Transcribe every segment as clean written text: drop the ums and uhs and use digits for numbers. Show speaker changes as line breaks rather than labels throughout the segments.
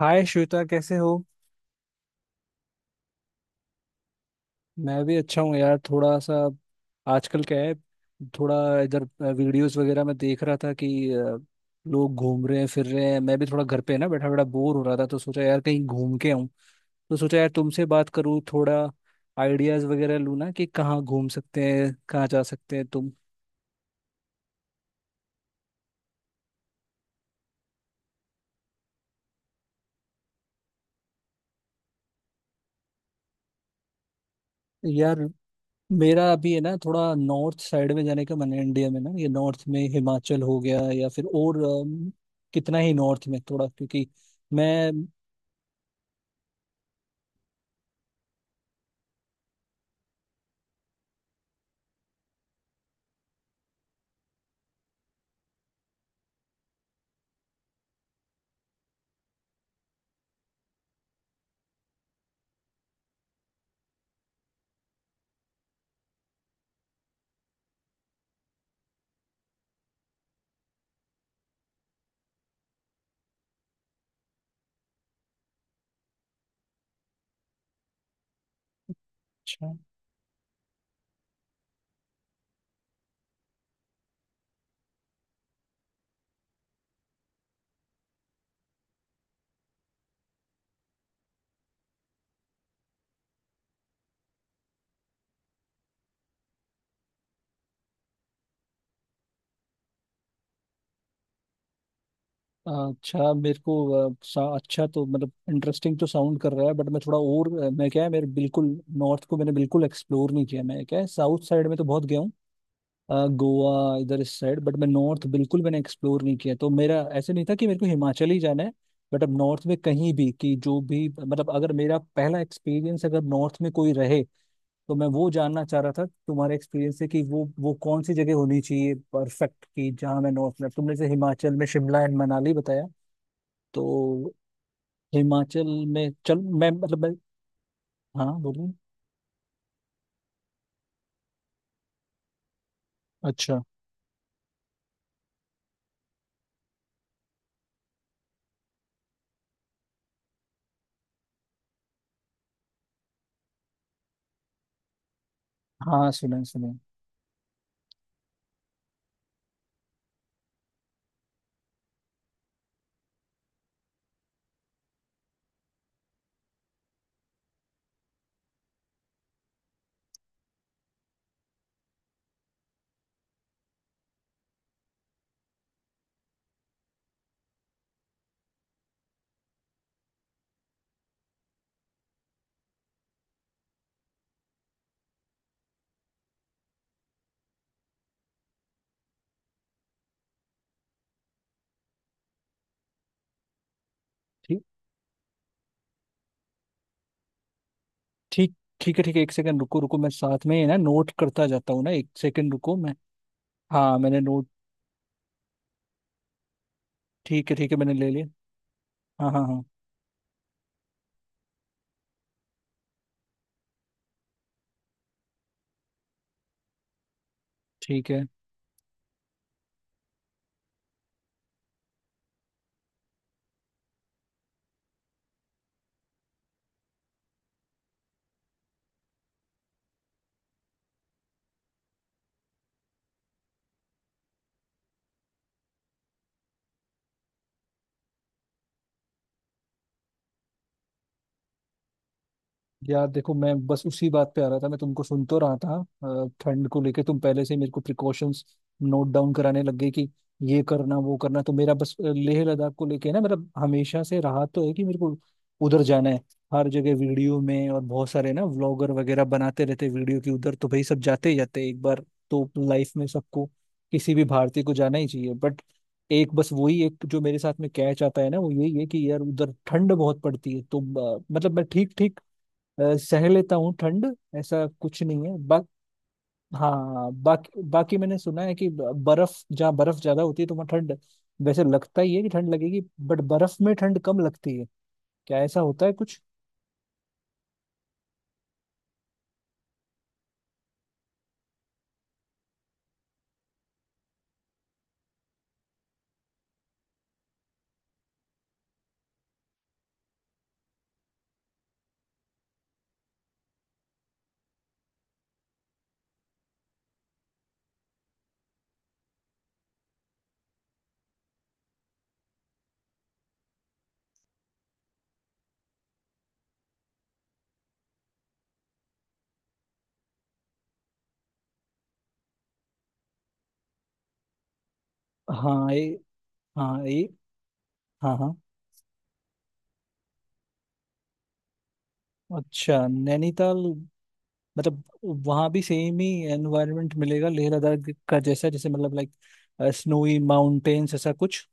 हाय श्वेता कैसे हो। मैं भी अच्छा हूँ यार। थोड़ा सा आजकल क्या है, थोड़ा इधर वीडियोस वगैरह में देख रहा था कि अ, लोग घूम रहे हैं फिर रहे हैं। मैं भी थोड़ा घर पे ना बैठा बैठा बोर हो रहा था, तो सोचा यार कहीं घूम के आऊँ। तो सोचा यार तुमसे बात करूँ, थोड़ा आइडियाज वगैरह लूँ ना कि कहाँ घूम सकते हैं, कहाँ जा सकते हैं तुम। यार मेरा अभी है ना थोड़ा नॉर्थ साइड में जाने का मन है। इंडिया में ना ये नॉर्थ में हिमाचल हो गया या फिर और कितना ही नॉर्थ में थोड़ा क्योंकि मैं। अच्छा अच्छा। मेरे को अच्छा तो मतलब इंटरेस्टिंग तो साउंड कर रहा है, बट मैं थोड़ा और मैं क्या है मेरे बिल्कुल नॉर्थ को मैंने बिल्कुल एक्सप्लोर नहीं किया। मैं क्या है साउथ साइड में तो बहुत गया हूँ। अ, गोवा इधर इस साइड, बट मैं नॉर्थ बिल्कुल मैंने एक्सप्लोर नहीं किया। तो मेरा ऐसे नहीं था कि मेरे को हिमाचल ही जाना है, बट अब नॉर्थ में कहीं भी कि जो भी मतलब अगर मेरा पहला एक्सपीरियंस अगर नॉर्थ में कोई रहे, तो मैं वो जानना चाह रहा था तुम्हारे एक्सपीरियंस से कि वो कौन सी जगह होनी चाहिए परफेक्ट, कि जहाँ मैं नॉर्थ में तुमने से हिमाचल में शिमला एंड मनाली बताया। तो हिमाचल में चल मैं मतलब मैं। हाँ बोलिए। अच्छा। हाँ सुना है, सुना है। ठीक। ठीक। ठीक है ठीक है, एक सेकंड रुको रुको मैं साथ में ही ना नोट करता जाता हूँ ना, एक सेकंड रुको मैं। हाँ मैंने नोट। ठीक है मैंने ले लिया। हाँ हाँ हाँ ठीक है। यार देखो मैं बस उसी बात पे आ रहा था, मैं तुमको सुन तो रहा था। ठंड को लेके तुम पहले से ही मेरे को प्रिकॉशंस नोट डाउन कराने लग गए कि ये करना वो करना। तो मेरा बस लेह लद्दाख को लेके ना मेरा हमेशा से रहा तो है कि मेरे को उधर जाना है। हर जगह वीडियो में और बहुत सारे ना व्लॉगर वगैरह बनाते रहते हैं वीडियो की उधर, तो भाई सब जाते ही जाते हैं। एक बार तो लाइफ में सबको किसी भी भारतीय को जाना ही चाहिए, बट एक बस वही एक जो मेरे साथ में कैच आता है ना वो यही है कि यार उधर ठंड बहुत पड़ती है। तो मतलब मैं ठीक ठीक सह लेता हूँ ठंड, ऐसा कुछ नहीं है हाँ। बाकी बाकी मैंने सुना है कि बर्फ जहाँ बर्फ ज्यादा होती है तो वहाँ ठंड वैसे लगता ही है कि ठंड लगेगी, बट बर्फ में ठंड कम लगती है। क्या ऐसा होता है कुछ? हाँ ये। हाँ ये। हाँ हाँ। अच्छा नैनीताल। मतलब वहाँ भी सेम ही एनवायरनमेंट मिलेगा लेह लद्दाख का जैसा, जैसे मतलब लाइक स्नोई माउंटेन्स ऐसा कुछ।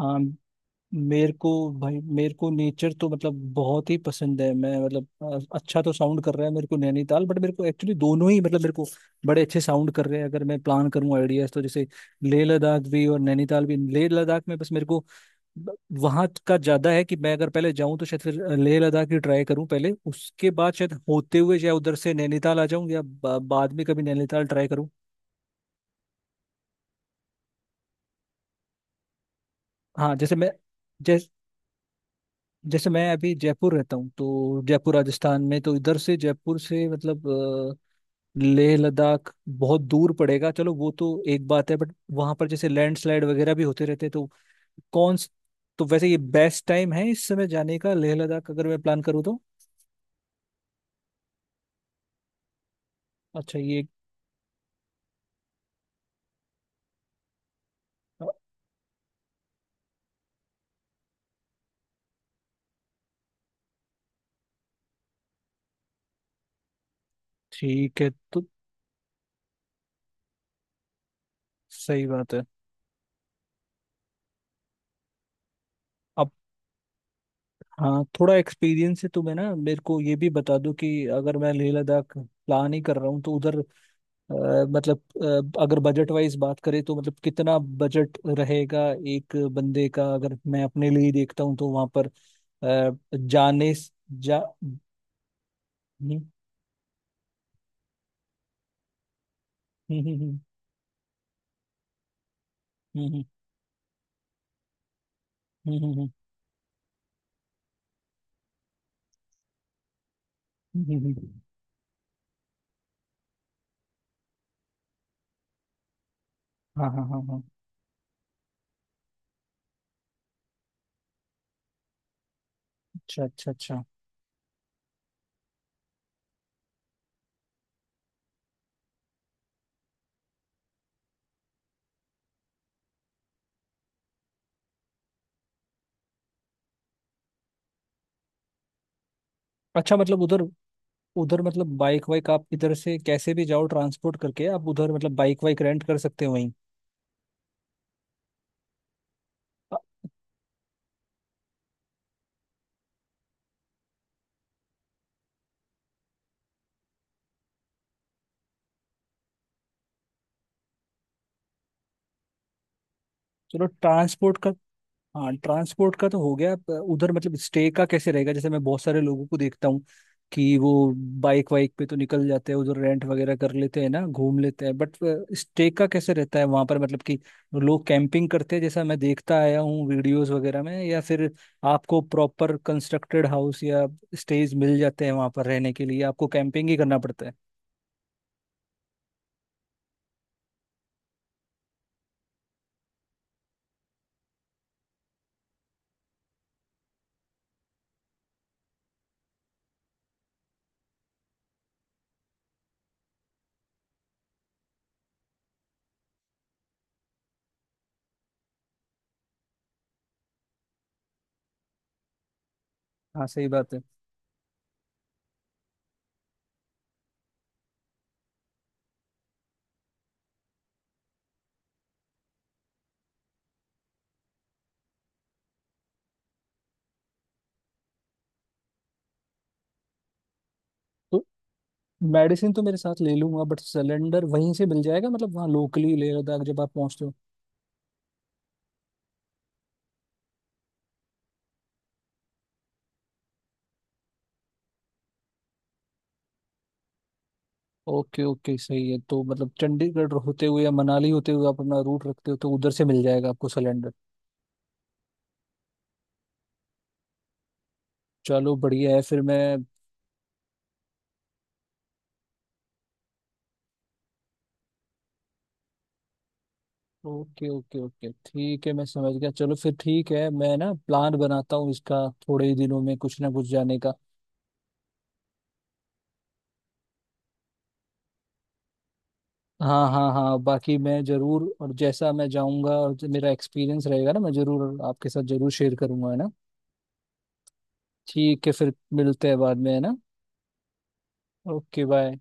हाँ। मेरे को। भाई मेरे को नेचर तो मतलब बहुत ही पसंद है। मैं मतलब अच्छा तो साउंड कर रहा है मेरे को नैनीताल, बट मेरे को एक्चुअली दोनों ही मतलब मेरे को बड़े अच्छे साउंड कर रहे हैं। अगर मैं प्लान करूँ आइडियाज, तो जैसे लेह लद्दाख भी और नैनीताल भी। लेह लद्दाख में बस मेरे को वहां का ज्यादा है कि मैं अगर पहले जाऊं तो शायद फिर लेह लद्दाख ही ट्राई करूं पहले, उसके बाद शायद होते हुए चाहे उधर से नैनीताल आ जाऊं या बाद में कभी नैनीताल ट्राई करूं। हाँ जैसे मैं। जैस जैसे मैं अभी जयपुर रहता हूँ तो जयपुर राजस्थान में, तो इधर से जयपुर से मतलब अ, लेह लद्दाख बहुत दूर पड़ेगा। चलो वो तो एक बात है, बट वहां पर जैसे लैंडस्लाइड वगैरह भी होते रहते हैं तो कौन तो वैसे ये बेस्ट टाइम है इस समय जाने का लेह लद्दाख अगर मैं प्लान करूँ तो? अच्छा ये अ, ठीक है तो। सही बात है। अब हाँ थोड़ा एक्सपीरियंस है तो मैं ना, मेरे को ये भी बता दो कि अगर मैं लेह लद्दाख प्लान ही कर रहा हूँ तो उधर अ, मतलब अगर बजट वाइज बात करें तो मतलब कितना बजट रहेगा एक बंदे का, अगर मैं अपने लिए ही देखता हूँ तो वहां पर जाने स- जा हम्म, हम्म, हम्म, हम्म, हम्म, हम्म, हम्म, हम्म, हम्म, हम्म, हम्म, हम्म। हाँ हाँ हाँ हाँ। अच्छा अच्छा अच्छा। अच्छा मतलब उधर। उधर मतलब बाइक वाइक आप इधर से कैसे भी जाओ ट्रांसपोर्ट करके, आप उधर मतलब बाइक वाइक रेंट कर सकते हो वहीं? अ, चलो ट्रांसपोर्ट का। हाँ ट्रांसपोर्ट का तो हो गया, उधर मतलब स्टे का कैसे रहेगा? जैसे मैं बहुत सारे लोगों को देखता हूँ कि वो बाइक वाइक पे तो निकल जाते हैं उधर, रेंट वगैरह कर लेते हैं ना, घूम लेते हैं, बट स्टे का कैसे रहता है वहां पर? मतलब कि लोग कैंपिंग करते हैं जैसा मैं देखता आया हूँ वीडियोस वगैरह में, या फिर आपको प्रॉपर कंस्ट्रक्टेड हाउस या स्टेज मिल जाते हैं वहां पर रहने के लिए, आपको कैंपिंग ही करना पड़ता है? हाँ सही बात है। तो मेडिसिन तो मेरे साथ ले लूंगा, बट सिलेंडर वहीं से मिल जाएगा मतलब वहाँ लोकली लेह लद्दाख जब आप पहुंचते हो? ओके ओके सही है। तो मतलब चंडीगढ़ होते हुए या मनाली होते हुए आप अपना रूट रखते हो, तो उधर से मिल जाएगा आपको सिलेंडर। चलो बढ़िया है, फिर मैं। ओके ओके ओके ठीक है, मैं समझ गया। चलो फिर ठीक है, मैं ना प्लान बनाता हूँ इसका थोड़े ही दिनों में कुछ ना कुछ जाने का। हाँ हाँ हाँ, बाकी मैं जरूर, और जैसा मैं जाऊँगा और जो मेरा एक्सपीरियंस रहेगा ना, मैं जरूर आपके साथ जरूर शेयर करूंगा, है ना। ठीक है फिर मिलते हैं बाद में, है ना। Okay bye.